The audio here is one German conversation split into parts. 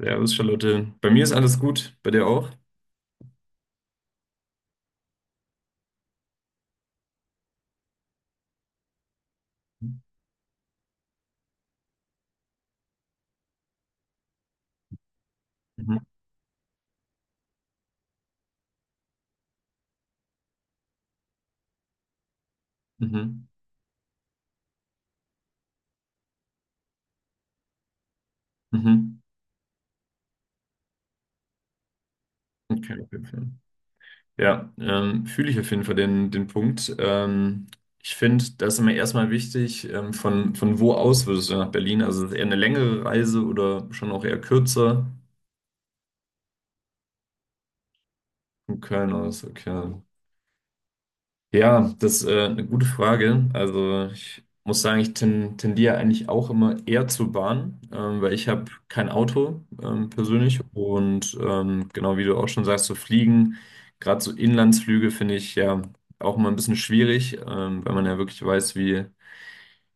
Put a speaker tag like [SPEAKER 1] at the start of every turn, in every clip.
[SPEAKER 1] Servus, Charlotte. Bei mir ist alles gut, bei dir auch? Mhm. Mhm. Mhm. Okay, auf jeden Fall. Ja, fühle ich auf jeden Fall den Punkt. Ich finde, das ist immer erstmal wichtig, von wo aus würdest du nach Berlin? Also ist es eher eine längere Reise oder schon auch eher kürzer? Von Köln aus, okay. Ja, das ist eine gute Frage. Also ich muss sagen, tendiere eigentlich auch immer eher zur Bahn, weil ich habe kein Auto persönlich und genau wie du auch schon sagst, so fliegen, gerade so Inlandsflüge finde ich ja auch immer ein bisschen schwierig, weil man ja wirklich weiß, wie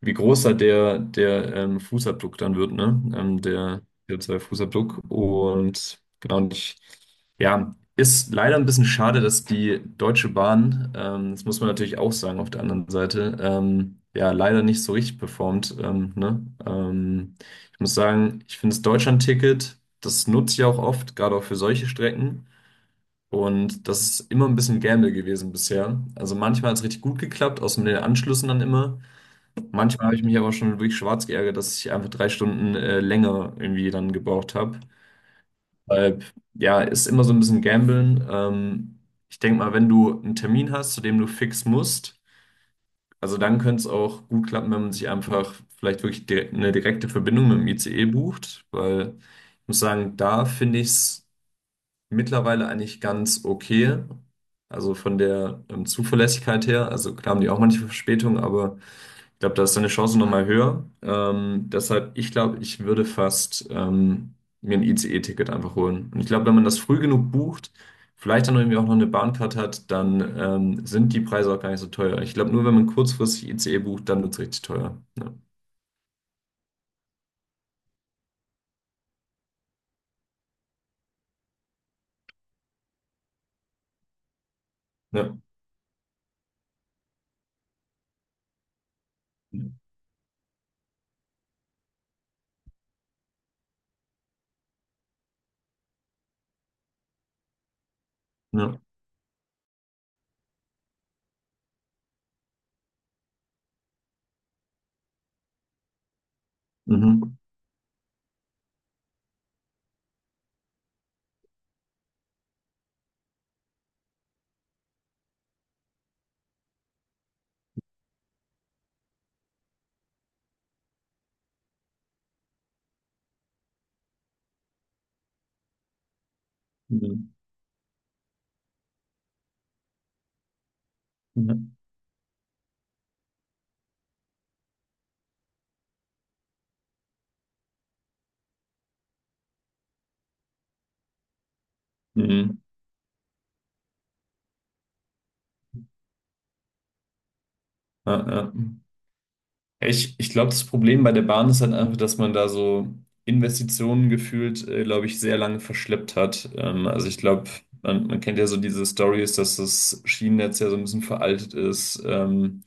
[SPEAKER 1] wie groß halt der Fußabdruck dann wird, ne? Der CO2-Fußabdruck. Und genau, und ich, ja, ist leider ein bisschen schade, dass die Deutsche Bahn, das muss man natürlich auch sagen auf der anderen Seite, ja, leider nicht so richtig performt, ne? Ich muss sagen, ich finde das Deutschland-Ticket, das nutze ich auch oft, gerade auch für solche Strecken. Und das ist immer ein bisschen Gamble gewesen bisher. Also manchmal hat es richtig gut geklappt, außer mit den Anschlüssen dann immer. Manchmal habe ich mich aber schon wirklich schwarz geärgert, dass ich einfach 3 Stunden länger irgendwie dann gebraucht habe. Weil, ja, ist immer so ein bisschen Gamblen. Ich denke mal, wenn du einen Termin hast, zu dem du fix musst, also dann könnte es auch gut klappen, wenn man sich einfach vielleicht wirklich dire eine direkte Verbindung mit dem ICE bucht. Weil ich muss sagen, da finde ich es mittlerweile eigentlich ganz okay. Also von der Zuverlässigkeit her. Also klar haben die auch manche Verspätungen, aber. Ich glaube, da ist deine Chance nochmal höher. Deshalb, ich glaube, ich würde fast mir ein ICE-Ticket einfach holen. Und ich glaube, wenn man das früh genug bucht, vielleicht dann irgendwie auch noch eine Bahncard hat, dann sind die Preise auch gar nicht so teuer. Ich glaube, nur wenn man kurzfristig ICE bucht, dann wird es richtig teuer. Ja. Ja. Ja. Mhm. Mhm. Mhm. Mhm. Ja, ja. Ja, ich glaube, das Problem bei der Bahn ist halt einfach, dass man da so Investitionen gefühlt, glaube ich, sehr lange verschleppt hat. Also ich glaube, man kennt ja so diese Stories, dass das Schienennetz ja so ein bisschen veraltet ist.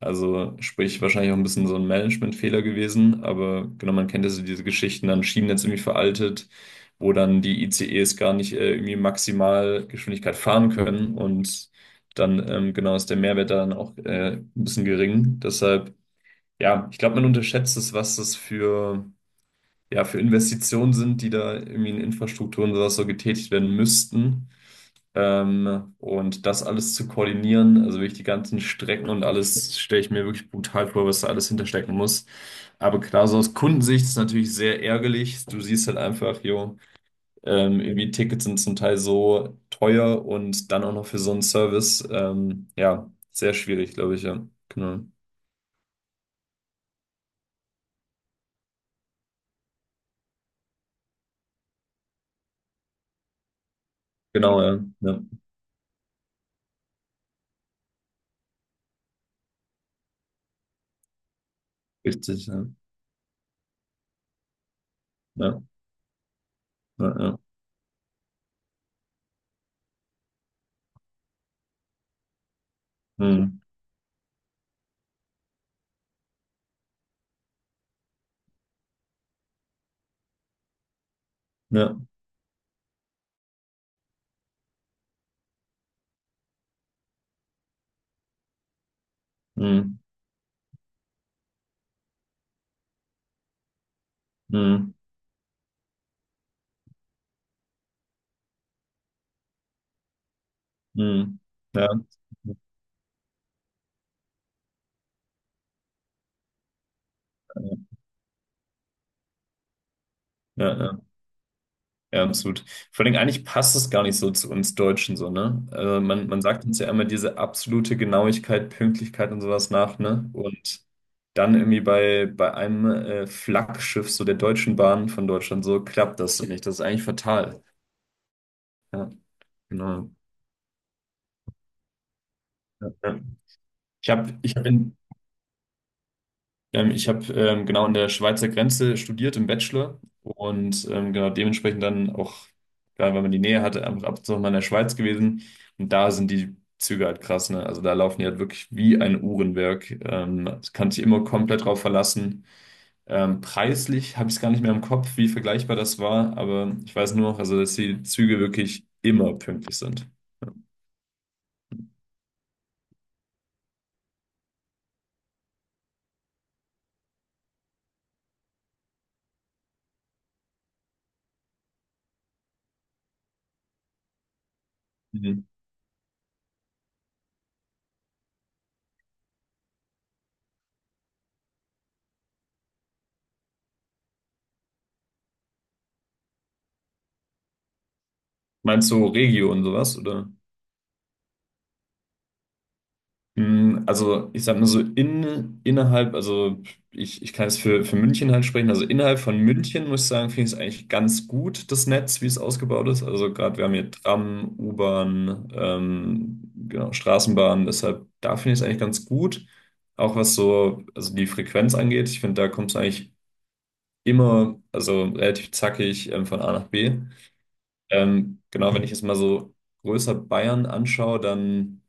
[SPEAKER 1] Also sprich, wahrscheinlich auch ein bisschen so ein Managementfehler gewesen. Aber genau, man kennt ja so diese Geschichten, dann Schienennetz irgendwie veraltet, wo dann die ICEs gar nicht, irgendwie maximal Geschwindigkeit fahren können und dann genau ist der Mehrwert dann auch ein bisschen gering. Deshalb ja, ich glaube, man unterschätzt es, was das für, ja, für Investitionen sind, die da irgendwie in Infrastrukturen und sowas so getätigt werden müssten. Und das alles zu koordinieren, also wirklich die ganzen Strecken und alles, stelle ich mir wirklich brutal vor, was da alles hinterstecken muss. Aber klar, so aus Kundensicht ist es natürlich sehr ärgerlich. Du siehst halt einfach, jo, irgendwie Tickets sind zum Teil so teuer und dann auch noch für so einen Service. Ja, sehr schwierig, glaube ich, ja. Genau. Genau, ja. Ja, richtig, ja. Ja. Ja, ja, mhm, ja, mhm, mhm, mhm, ja, ja, ja, ja, absolut. Vor allem eigentlich passt es gar nicht so zu uns Deutschen so, ne? Also man sagt uns ja immer diese absolute Genauigkeit, Pünktlichkeit und sowas nach, ne? Und dann irgendwie bei einem Flaggschiff so der Deutschen Bahn von Deutschland so klappt das so nicht. Das ist eigentlich fatal. Ja, genau. Ja, ja. Ich habe ich hab in, ich habe genau an der Schweizer Grenze studiert im Bachelor und genau dementsprechend dann auch, gerade weil man die Nähe hatte, einfach ab und zu mal in der Schweiz gewesen. Und da sind die Züge halt krass, ne? Also da laufen die halt wirklich wie ein Uhrenwerk. Das kann sich immer komplett drauf verlassen. Preislich habe ich es gar nicht mehr im Kopf, wie vergleichbar das war, aber ich weiß nur noch, also dass die Züge wirklich immer pünktlich sind. Mhm. Meinst du Regio und sowas, oder? Also ich sag mal so innerhalb, also ich kann jetzt für München halt sprechen, also innerhalb von München muss ich sagen, finde ich es eigentlich ganz gut, das Netz, wie es ausgebaut ist. Also gerade wir haben hier Tram, U-Bahn, genau, Straßenbahn, deshalb da finde ich es eigentlich ganz gut. Auch was so, also die Frequenz angeht, ich finde, da kommt es eigentlich immer, also relativ zackig von A nach B. Genau, wenn ich jetzt mal so größer Bayern anschaue, dann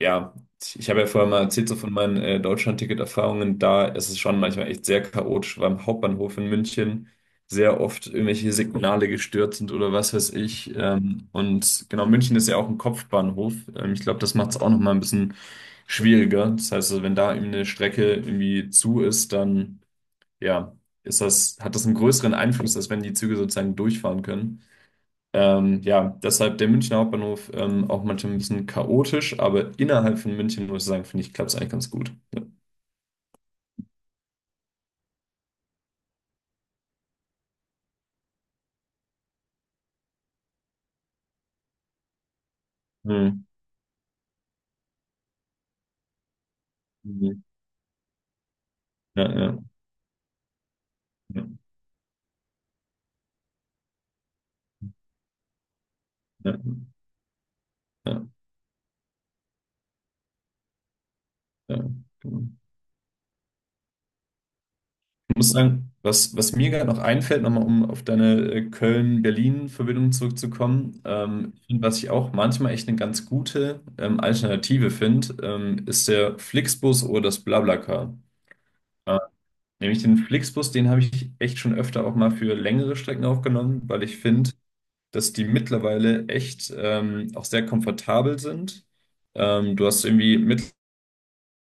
[SPEAKER 1] ja, ich habe ja vorher mal erzählt, so von meinen Deutschland-Ticket-Erfahrungen. Da ist es schon manchmal echt sehr chaotisch, weil am Hauptbahnhof in München sehr oft irgendwelche Signale gestört sind oder was weiß ich. Und genau, München ist ja auch ein Kopfbahnhof. Ich glaube, das macht es auch nochmal ein bisschen schwieriger. Das heißt, also, wenn da eben eine Strecke irgendwie zu ist, dann ja, hat das einen größeren Einfluss, als wenn die Züge sozusagen durchfahren können. Ja, deshalb der Münchner Hauptbahnhof auch manchmal ein bisschen chaotisch, aber innerhalb von München muss ich sagen, finde ich, klappt es eigentlich ganz gut. Ja. Mhm. Mhm. Ja, ja, ja, ja, ja, ja, genau. Ich muss sagen, was mir gerade noch einfällt, nochmal um auf deine Köln-Berlin-Verbindung zurückzukommen, ich find, was ich auch manchmal echt eine ganz gute Alternative finde, ist der Flixbus oder das BlaBlaCar. Nämlich den Flixbus, den habe ich echt schon öfter auch mal für längere Strecken aufgenommen, weil ich finde, dass die mittlerweile echt auch sehr komfortabel sind. Du hast irgendwie mittlerweile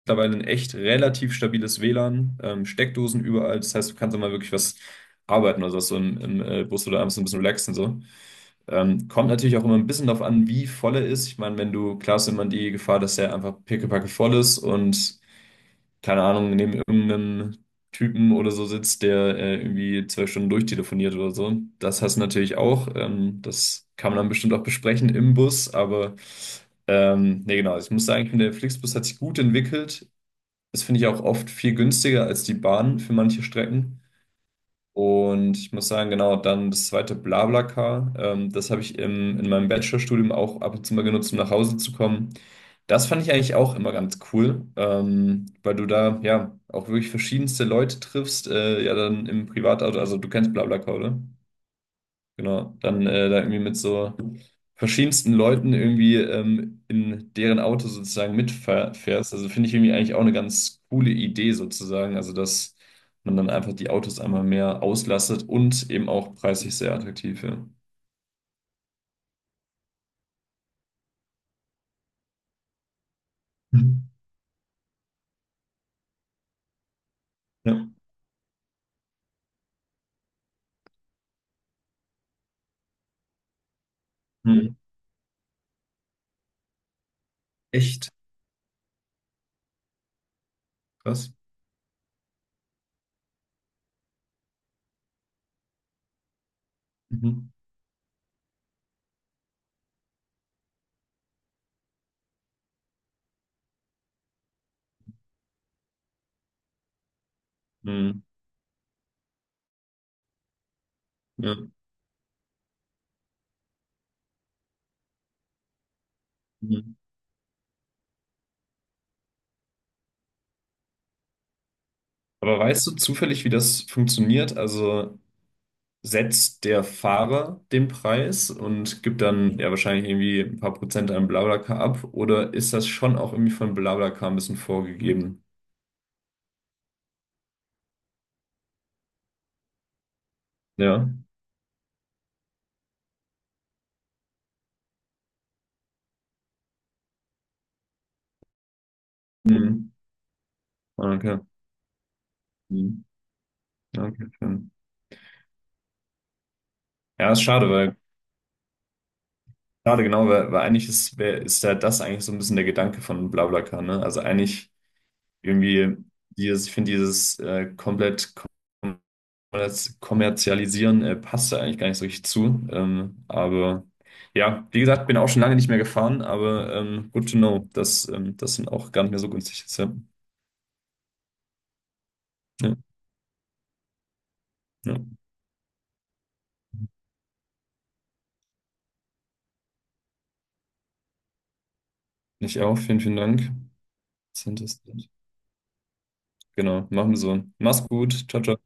[SPEAKER 1] ein echt relativ stabiles WLAN, Steckdosen überall. Das heißt, du kannst auch mal wirklich was arbeiten oder so im Bus oder abends ein bisschen relaxen. So. Kommt natürlich auch immer ein bisschen darauf an, wie voll er ist. Ich meine, wenn du, klar ist immer die Gefahr, dass der einfach pickepacke voll ist und keine Ahnung, neben irgendeinem Typen oder so sitzt, der irgendwie 12 Stunden durchtelefoniert oder so. Das hast du natürlich auch. Das kann man dann bestimmt auch besprechen im Bus, aber nee, genau. Ich muss sagen, ich finde, der Flixbus hat sich gut entwickelt. Das finde ich auch oft viel günstiger als die Bahn für manche Strecken. Und ich muss sagen, genau, dann das zweite BlaBlaCar, das habe ich in meinem Bachelorstudium auch ab und zu mal genutzt, um nach Hause zu kommen. Das fand ich eigentlich auch immer ganz cool, weil du da ja auch wirklich verschiedenste Leute triffst, ja dann im Privatauto, also du kennst BlaBlaCar, oder? Genau, dann da irgendwie mit so verschiedensten Leuten irgendwie in deren Auto sozusagen mitfährst. Also finde ich irgendwie eigentlich auch eine ganz coole Idee sozusagen. Also dass man dann einfach die Autos einmal mehr auslastet und eben auch preislich sehr attraktiv. Ja. Mhm. Ja. Mhm. Echt krass. Mhm. Mhm. Ja. Mhm. Aber weißt du zufällig, wie das funktioniert? Also setzt der Fahrer den Preis und gibt dann ja wahrscheinlich irgendwie ein paar Prozent an BlaBlaCar ab oder ist das schon auch irgendwie von BlaBlaCar ein bisschen vorgegeben? Ja. Mhm. Ah, okay. Mhm. Okay, schön. Ja, ist schade, weil schade genau, weil eigentlich ist ja das eigentlich so ein bisschen der Gedanke von BlaBlaCar, ne? Also eigentlich irgendwie dieses, ich finde dieses komplett das Kommerzialisieren passt da eigentlich gar nicht so richtig zu. Aber ja, wie gesagt, bin auch schon lange nicht mehr gefahren, aber good to know, dass das sind auch gar nicht mehr so günstig ist. Ja, ja, ja. Ich auch, vielen, vielen Dank. Sind das- Genau, machen wir so. Mach's gut, ciao, ciao.